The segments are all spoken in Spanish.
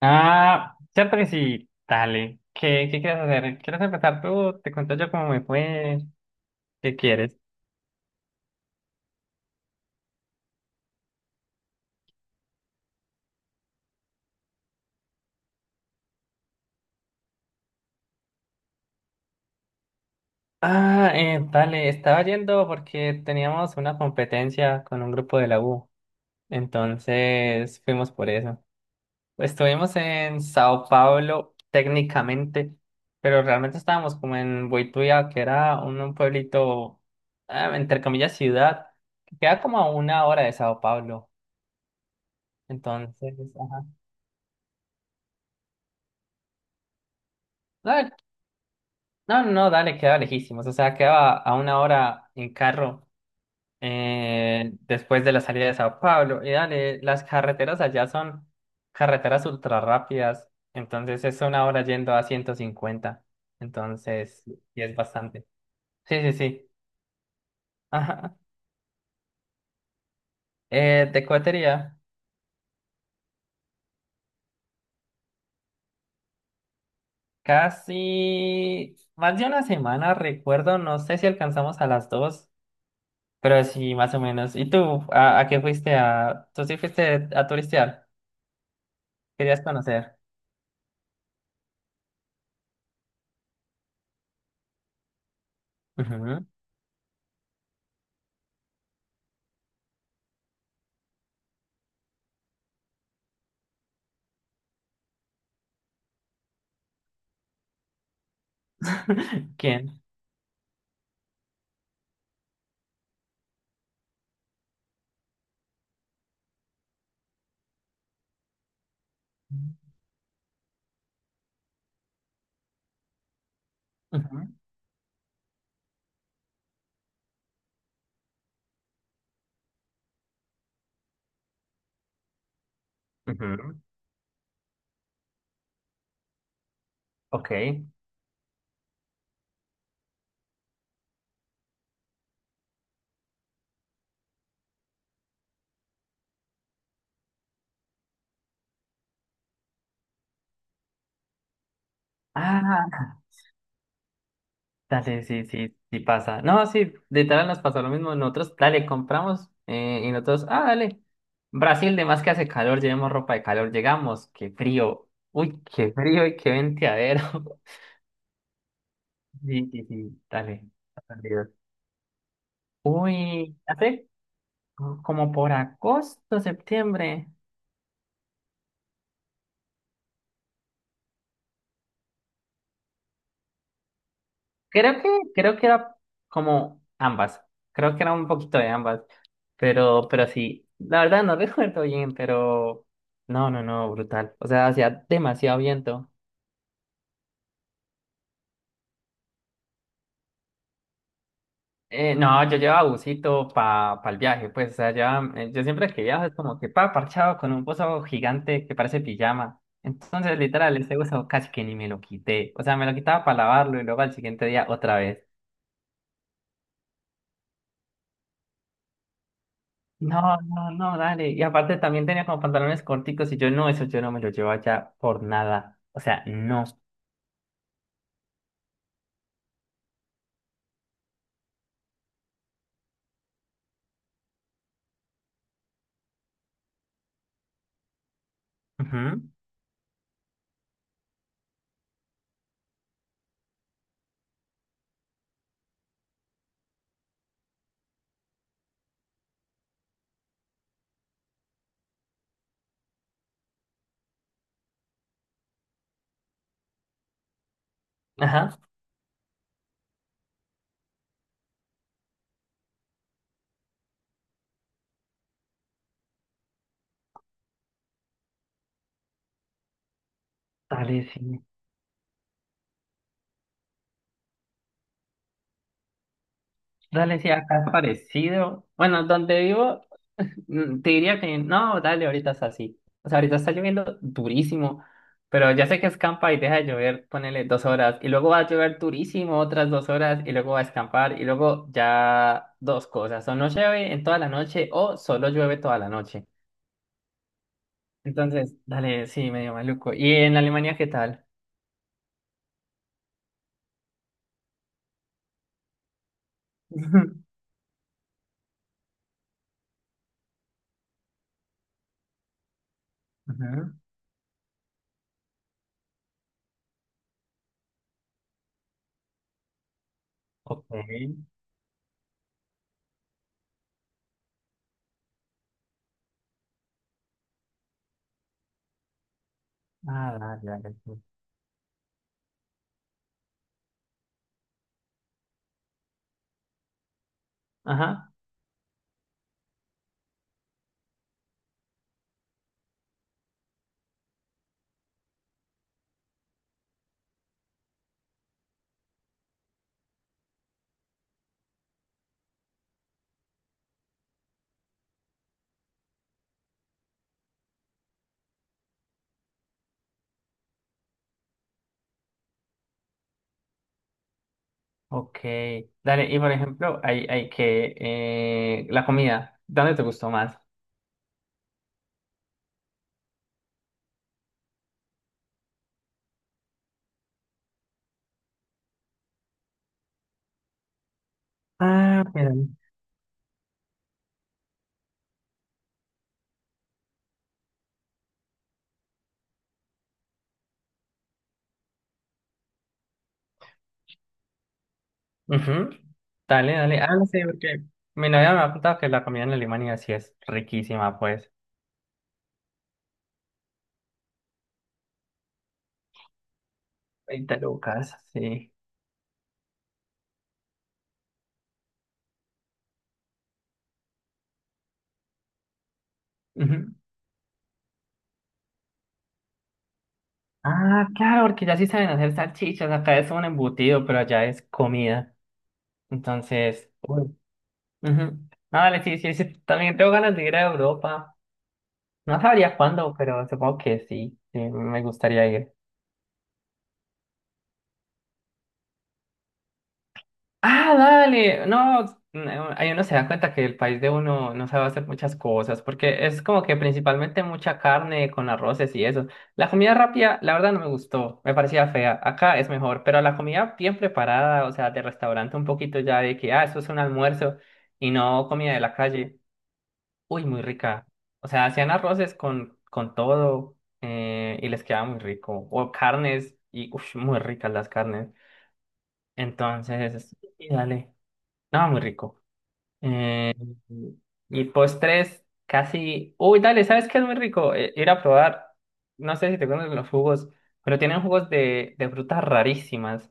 Ah, cierto que sí. Dale. ¿Qué quieres hacer? ¿Quieres empezar tú? Te cuento yo cómo me fue. ¿Qué quieres? Ah, dale. Estaba yendo porque teníamos una competencia con un grupo de la U. Entonces fuimos por eso. Estuvimos en Sao Paulo técnicamente, pero realmente estábamos como en Boituva, que era un pueblito, ah, entre comillas, ciudad, que queda como a una hora de Sao Paulo. Entonces, ajá. No, no, no, no, dale, quedaba lejísimos. O sea, quedaba a una hora en carro, después de la salida de Sao Paulo. Y dale, las carreteras allá son carreteras ultra rápidas. Entonces es una hora yendo a 150. Entonces, y es bastante. Sí, sí, sí. Ajá. De cohetería. Casi más de una semana, recuerdo. No sé si alcanzamos a las dos, pero sí, más o menos. ¿Y tú? ¿A qué fuiste? ¿Tú sí fuiste a turistear? Querías conocer. Ujú. ¿Quién? Ujú. Ujú. Ok. Ah, dale, sí, sí, sí pasa. No, sí, literal nos pasó lo mismo. Nosotros, dale, compramos, y nosotros, ah, dale. Brasil, de más que hace calor, llevemos ropa de calor, llegamos, qué frío. Uy, qué frío y qué venteadero. Sí, sí, sí, dale. Está perdido. Uy, hace como por agosto, septiembre. Creo que, creo que era como ambas. Creo que era un poquito de ambas. Pero sí, la verdad no recuerdo bien, pero no, no, no, brutal. O sea, hacía demasiado viento. No, yo llevaba busito para el viaje, pues. O sea, yo siempre que viajo es como que parchado con un buzo gigante que parece pijama. Entonces, literal, ese buzo casi que ni me lo quité. O sea, me lo quitaba para lavarlo y luego al siguiente día otra vez. No, no, no, dale. Y aparte también tenía como pantalones corticos y yo no, eso yo no me lo llevo allá por nada. O sea, no. Ujú. Ajá. Dale, sí. Dale, sí, acá es parecido. Bueno, donde vivo, te diría que no, dale, ahorita es así. O sea, ahorita está lloviendo durísimo, pero ya sé que escampa y deja de llover, ponele dos horas, y luego va a llover durísimo otras dos horas, y luego va a escampar, y luego ya dos cosas, o no llueve en toda la noche, o solo llueve toda la noche. Entonces, dale, sí, medio maluco. ¿Y en Alemania qué tal? Ujú. Ok. Ah, dale, dale. Sí. Ajá, ok. Dale, y por ejemplo, hay la comida, ¿dónde te gustó más? Ah, pero- Ujú. Dale, dale. Ah, no sé, porque mi novia me ha contado que la comida en Alemania sí es riquísima, pues. 20 lucas, sí. Ujú. Ah, claro, porque ya sí saben hacer salchichas. Acá es un embutido, pero allá es comida. Entonces. Uy. Ujú. Ah, vale, sí, sí, sí. También tengo ganas de ir a Europa. No sabría cuándo, pero supongo que sí, sí, me gustaría ir. Ah, dale. No, no, ahí uno se da cuenta que el país de uno no sabe hacer muchas cosas, porque es como que principalmente mucha carne con arroces y eso. La comida rápida, la verdad, no me gustó. Me parecía fea. Acá es mejor, pero la comida bien preparada, o sea, de restaurante un poquito ya de que, ah, eso es un almuerzo y no comida de la calle. Uy, muy rica. O sea, hacían arroces con todo, y les quedaba muy rico. O carnes, y uff, muy ricas las carnes. Entonces, y dale. No, muy rico. Eh, y postres, casi. Uy, dale, ¿sabes qué es muy rico? Ir a probar. No sé si te conocen los jugos, pero tienen jugos de frutas rarísimas.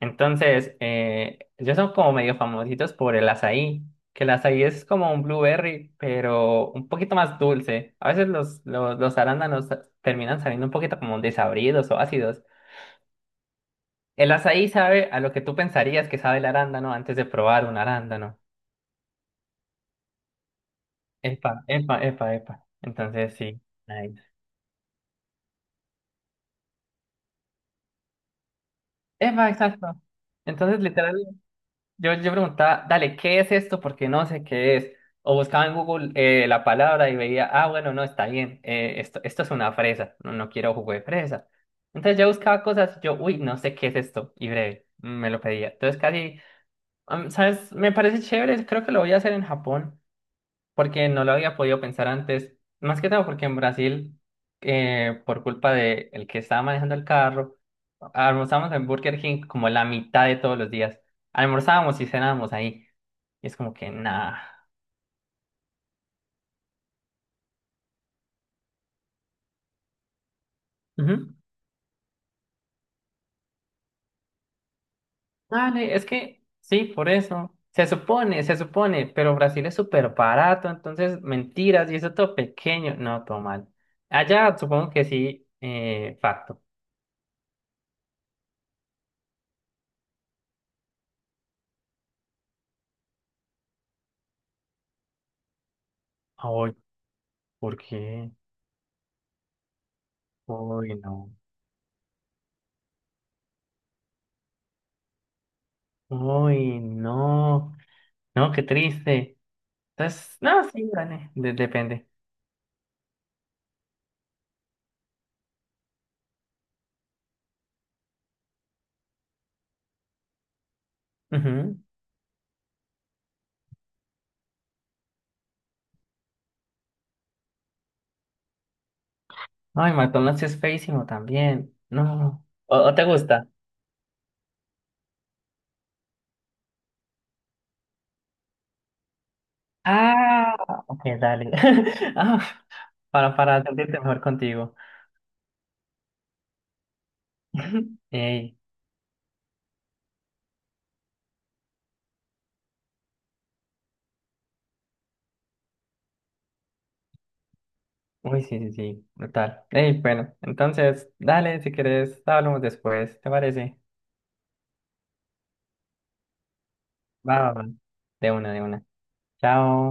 Entonces, ellos son como medio famositos por el azaí, que el azaí es como un blueberry, pero un poquito más dulce. A veces los arándanos terminan saliendo un poquito como desabridos o ácidos. El azaí sabe a lo que tú pensarías que sabe el arándano antes de probar un arándano. Epa, epa, epa, epa. Entonces, sí. Nice. Epa, exacto. Entonces, literal, yo preguntaba, dale, ¿qué es esto? Porque no sé qué es. O buscaba en Google, la palabra y veía, ah, bueno, no, está bien, esto es una fresa, no, no quiero jugo de fresa. Entonces yo buscaba cosas, yo, uy, no sé qué es esto, y breve, me lo pedía. Entonces casi, ¿sabes? Me parece chévere, creo que lo voy a hacer en Japón porque no lo había podido pensar antes, más que todo porque en Brasil, por culpa de el que estaba manejando el carro, almorzábamos en Burger King como la mitad de todos los días. Almorzábamos y cenábamos ahí. Y es como que nada. Ujú. Dale, es que sí, por eso. Se supone, pero Brasil es súper barato, entonces mentiras y eso todo pequeño. No, todo mal. Allá supongo que sí, facto. Ay, ¿por qué? Uy, no. Uy, no. No, qué triste. Entonces, no, sí, gané. Depende. Ujú. Ay, McDonald's es feísimo también. No. ¿O te gusta? Ah, ok, dale. Ah, para sentirte mejor contigo. Ey. Uy, sí, sí, sí. Brutal. Ey, bueno. Entonces, dale, si quieres, hablamos después. ¿Te parece? Va, va, va. De una, de una. Chao.